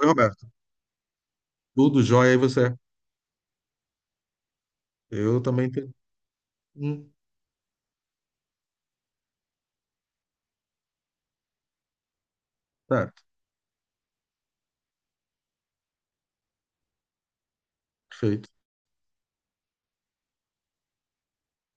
Oi, Roberto. Tudo jóia, e você? Eu também tenho. Hum, certo, perfeito.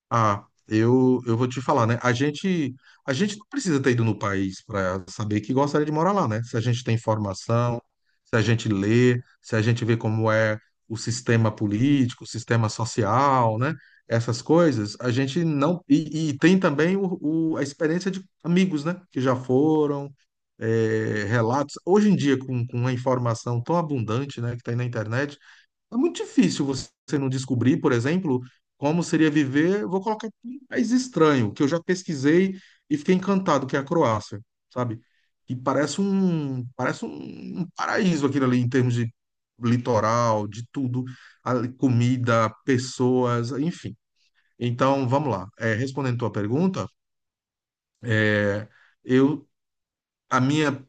Ah, eu vou te falar, né? A gente não precisa ter ido no país para saber que gostaria de morar lá, né? Se a gente tem informação, se a gente lê, se a gente vê como é o sistema político, o sistema social, né? Essas coisas, a gente não. E tem também a experiência de amigos, né? Que já foram. Relatos. Hoje em dia, com a informação tão abundante, né, que tem na internet, é muito difícil você não descobrir, por exemplo, como seria viver. Vou colocar aqui um país estranho, que eu já pesquisei e fiquei encantado, que é a Croácia, sabe? Que parece um paraíso aquilo ali, em termos de litoral, de tudo, a comida, pessoas, enfim. Então, vamos lá. É, respondendo tua pergunta, é, eu, a minha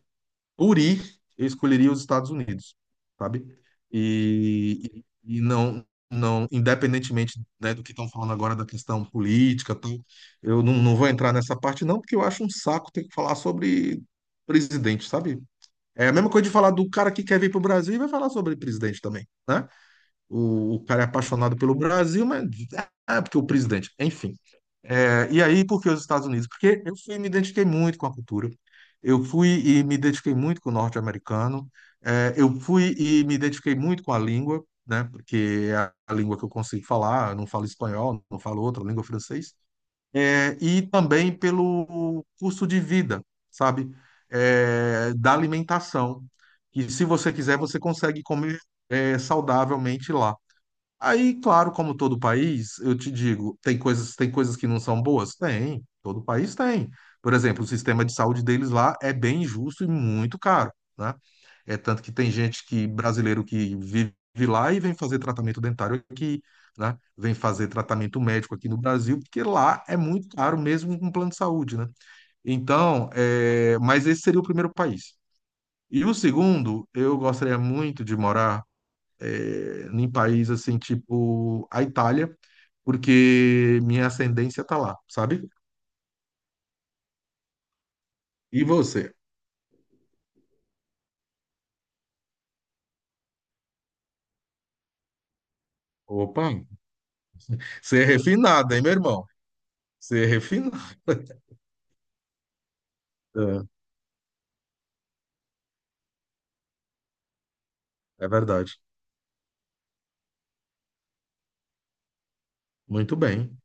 por ir, eu escolheria os Estados Unidos, sabe? E não, não, independentemente, né, do que estão falando agora da questão política, tal, eu não vou entrar nessa parte, não, porque eu acho um saco ter que falar sobre presidente, sabe? É a mesma coisa de falar do cara que quer vir para o Brasil e vai falar sobre presidente também, né? O cara é apaixonado pelo Brasil, mas ah, porque o presidente, enfim. É, e aí, por que os Estados Unidos? Porque eu fui, e me identifiquei muito com a cultura. Eu fui e me identifiquei muito com o norte-americano. É, eu fui e me identifiquei muito com a língua, né? Porque é a língua que eu consigo falar, eu não falo espanhol, não falo outra língua francês. É, e também pelo custo de vida, sabe? É, da alimentação. E se você quiser, você consegue comer, é, saudavelmente lá. Aí, claro, como todo país, eu te digo, tem coisas que não são boas? Tem, todo país tem. Por exemplo, o sistema de saúde deles lá é bem justo e muito caro, né? É tanto que tem gente que brasileiro que vive lá e vem fazer tratamento dentário aqui, né? Vem fazer tratamento médico aqui no Brasil, porque lá é muito caro mesmo com plano de saúde, né? Então, é... mas esse seria o primeiro país. E o segundo, eu gostaria muito de morar é, em país assim, tipo a Itália, porque minha ascendência tá lá, sabe? E você? Opa, você é refinado, hein, meu irmão? Você é refinado. É, é verdade. Muito bem.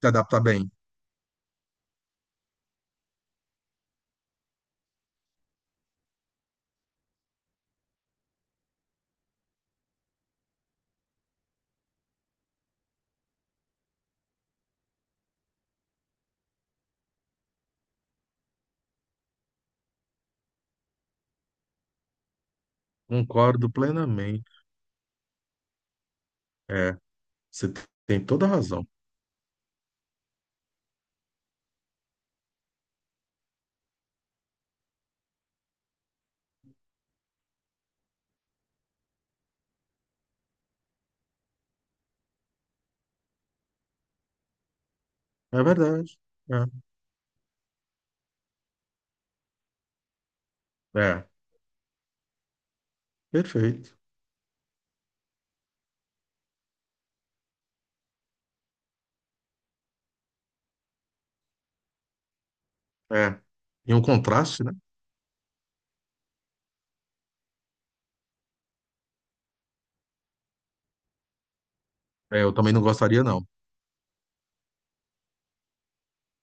Se adapta bem. Concordo plenamente. É, você tem toda a razão. É verdade. É, é, perfeito. É. E um contraste, né? É, eu também não gostaria, não.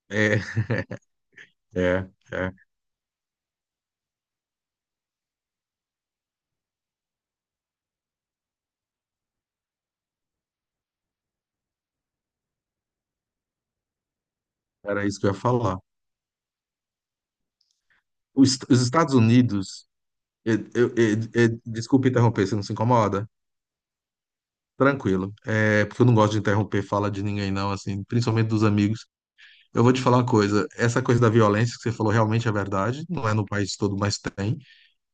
É, é, é. Era isso que eu ia falar. Os Estados Unidos. Desculpa interromper, você não se incomoda? Tranquilo. É, porque eu não gosto de interromper fala de ninguém, não, assim, principalmente dos amigos. Eu vou te falar uma coisa, essa coisa da violência que você falou realmente é verdade, não é no país todo, mas tem.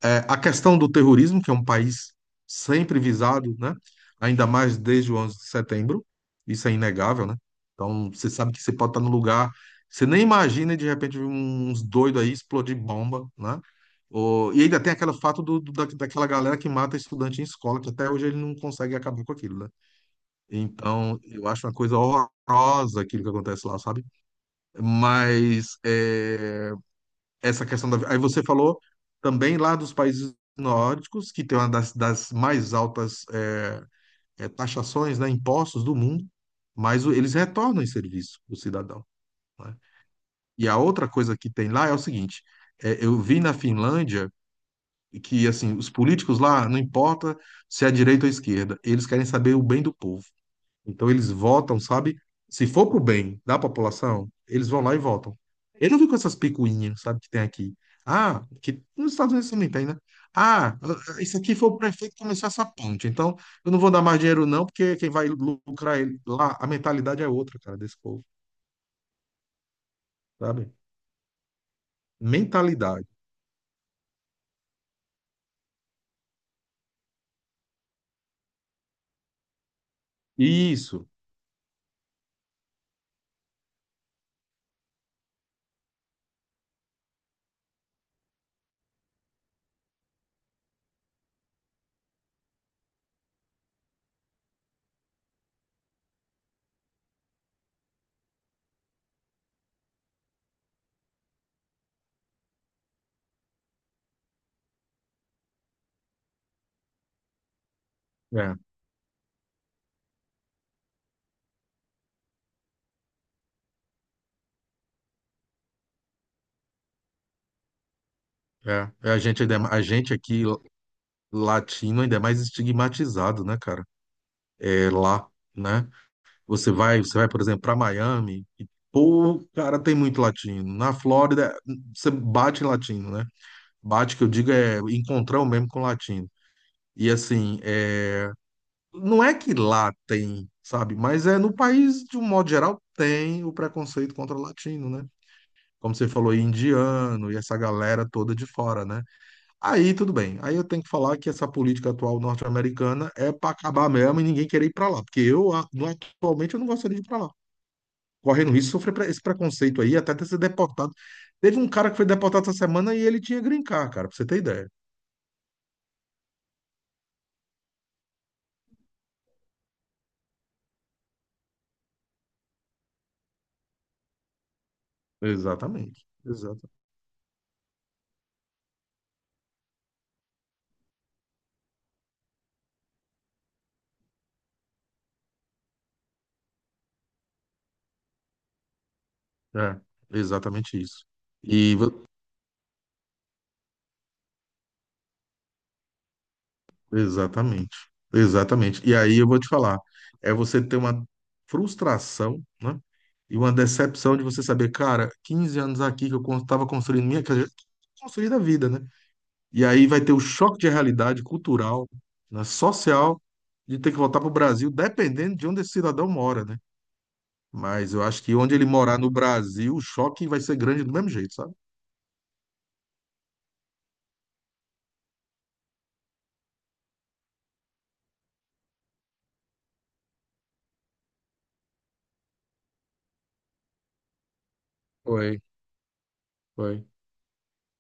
É, a questão do terrorismo, que é um país sempre visado, né? Ainda mais desde o 11 de setembro, isso é inegável, né? Então, você sabe que você pode estar no lugar, você nem imagina e de repente vir uns doidos aí explodir bomba, né? E ainda tem aquele fato daquela galera que mata estudante em escola, que até hoje ele não consegue acabar com aquilo, né? Então, eu acho uma coisa horrorosa aquilo que acontece lá, sabe? Mas é, essa questão da. Aí você falou também lá dos países nórdicos, que tem uma das mais altas taxações, né, impostos do mundo, mas eles retornam em serviço o cidadão, né? E a outra coisa que tem lá é o seguinte: eu vi na Finlândia que assim os políticos lá não importa se é direita ou esquerda, eles querem saber o bem do povo. Então eles votam, sabe? Se for pro bem da população, eles vão lá e votam. Eu não vi com essas picuinhas, sabe, que tem aqui. Ah, que nos Estados Unidos também tem, né? Ah, isso aqui foi o prefeito que começou essa ponte. Então, eu não vou dar mais dinheiro, não, porque quem vai lucrar ele lá, a mentalidade é outra, cara, desse povo, sabe? Mentalidade. Isso. É, é. É, a gente aqui, latino, ainda é mais estigmatizado, né, cara? É lá, né? Você vai, por exemplo, para Miami, e, pô, cara, tem muito latino. Na Flórida, você bate em latino, né? Bate, que eu digo, é encontrar o mesmo com latino. E assim, é, não é que lá tem, sabe? Mas é no país, de um modo geral, tem o preconceito contra o latino, né? Como você falou, aí, indiano e essa galera toda de fora, né? Aí tudo bem. Aí eu tenho que falar que essa política atual norte-americana é para acabar mesmo e ninguém querer ir para lá, porque eu atualmente eu não gostaria de ir para lá, correndo risco de sofrer esse preconceito aí, até de ser deportado. Teve um cara que foi deportado essa semana e ele tinha green card, cara, pra você ter ideia. Exatamente. Exato. É, exatamente isso. E exatamente. Exatamente. E aí eu vou te falar, é você ter uma frustração, né? E uma decepção de você saber, cara, 15 anos aqui que eu estava construindo minha, quer dizer, construindo a vida, né? E aí vai ter o choque de realidade cultural, né, social, de ter que voltar para o Brasil, dependendo de onde esse cidadão mora, né? Mas eu acho que onde ele morar no Brasil, o choque vai ser grande do mesmo jeito, sabe? Foi, foi.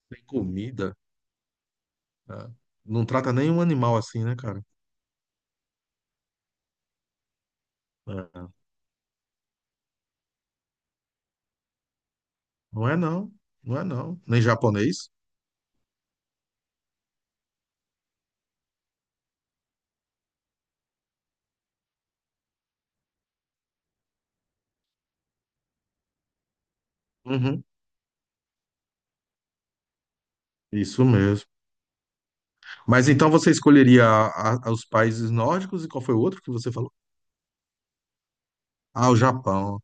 Tem comida, né? Não trata nenhum animal assim, né, cara? É. Não é não, não é não. Nem japonês. Uhum. Isso mesmo. Mas então você escolheria os países nórdicos e qual foi o outro que você falou? Ah, o Japão.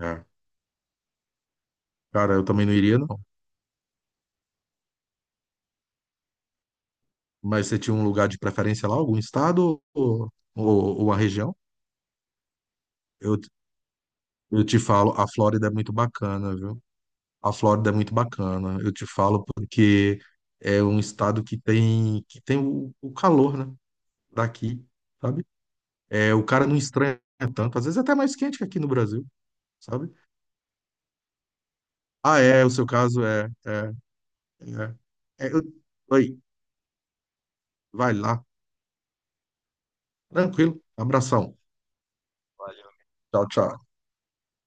É. Cara, eu também não iria, não. Mas você tinha um lugar de preferência lá, algum estado ou, ou a região? Eu, eu te falo, a Flórida é muito bacana, viu? A Flórida é muito bacana. Eu te falo porque é um estado que tem o calor, né? Daqui, sabe? É, o cara não estranha tanto. Às vezes é até mais quente que aqui no Brasil, sabe? Ah, é, o seu caso é. É, Oi, vai lá. Tranquilo. Abração. Valeu. Tchau, tchau.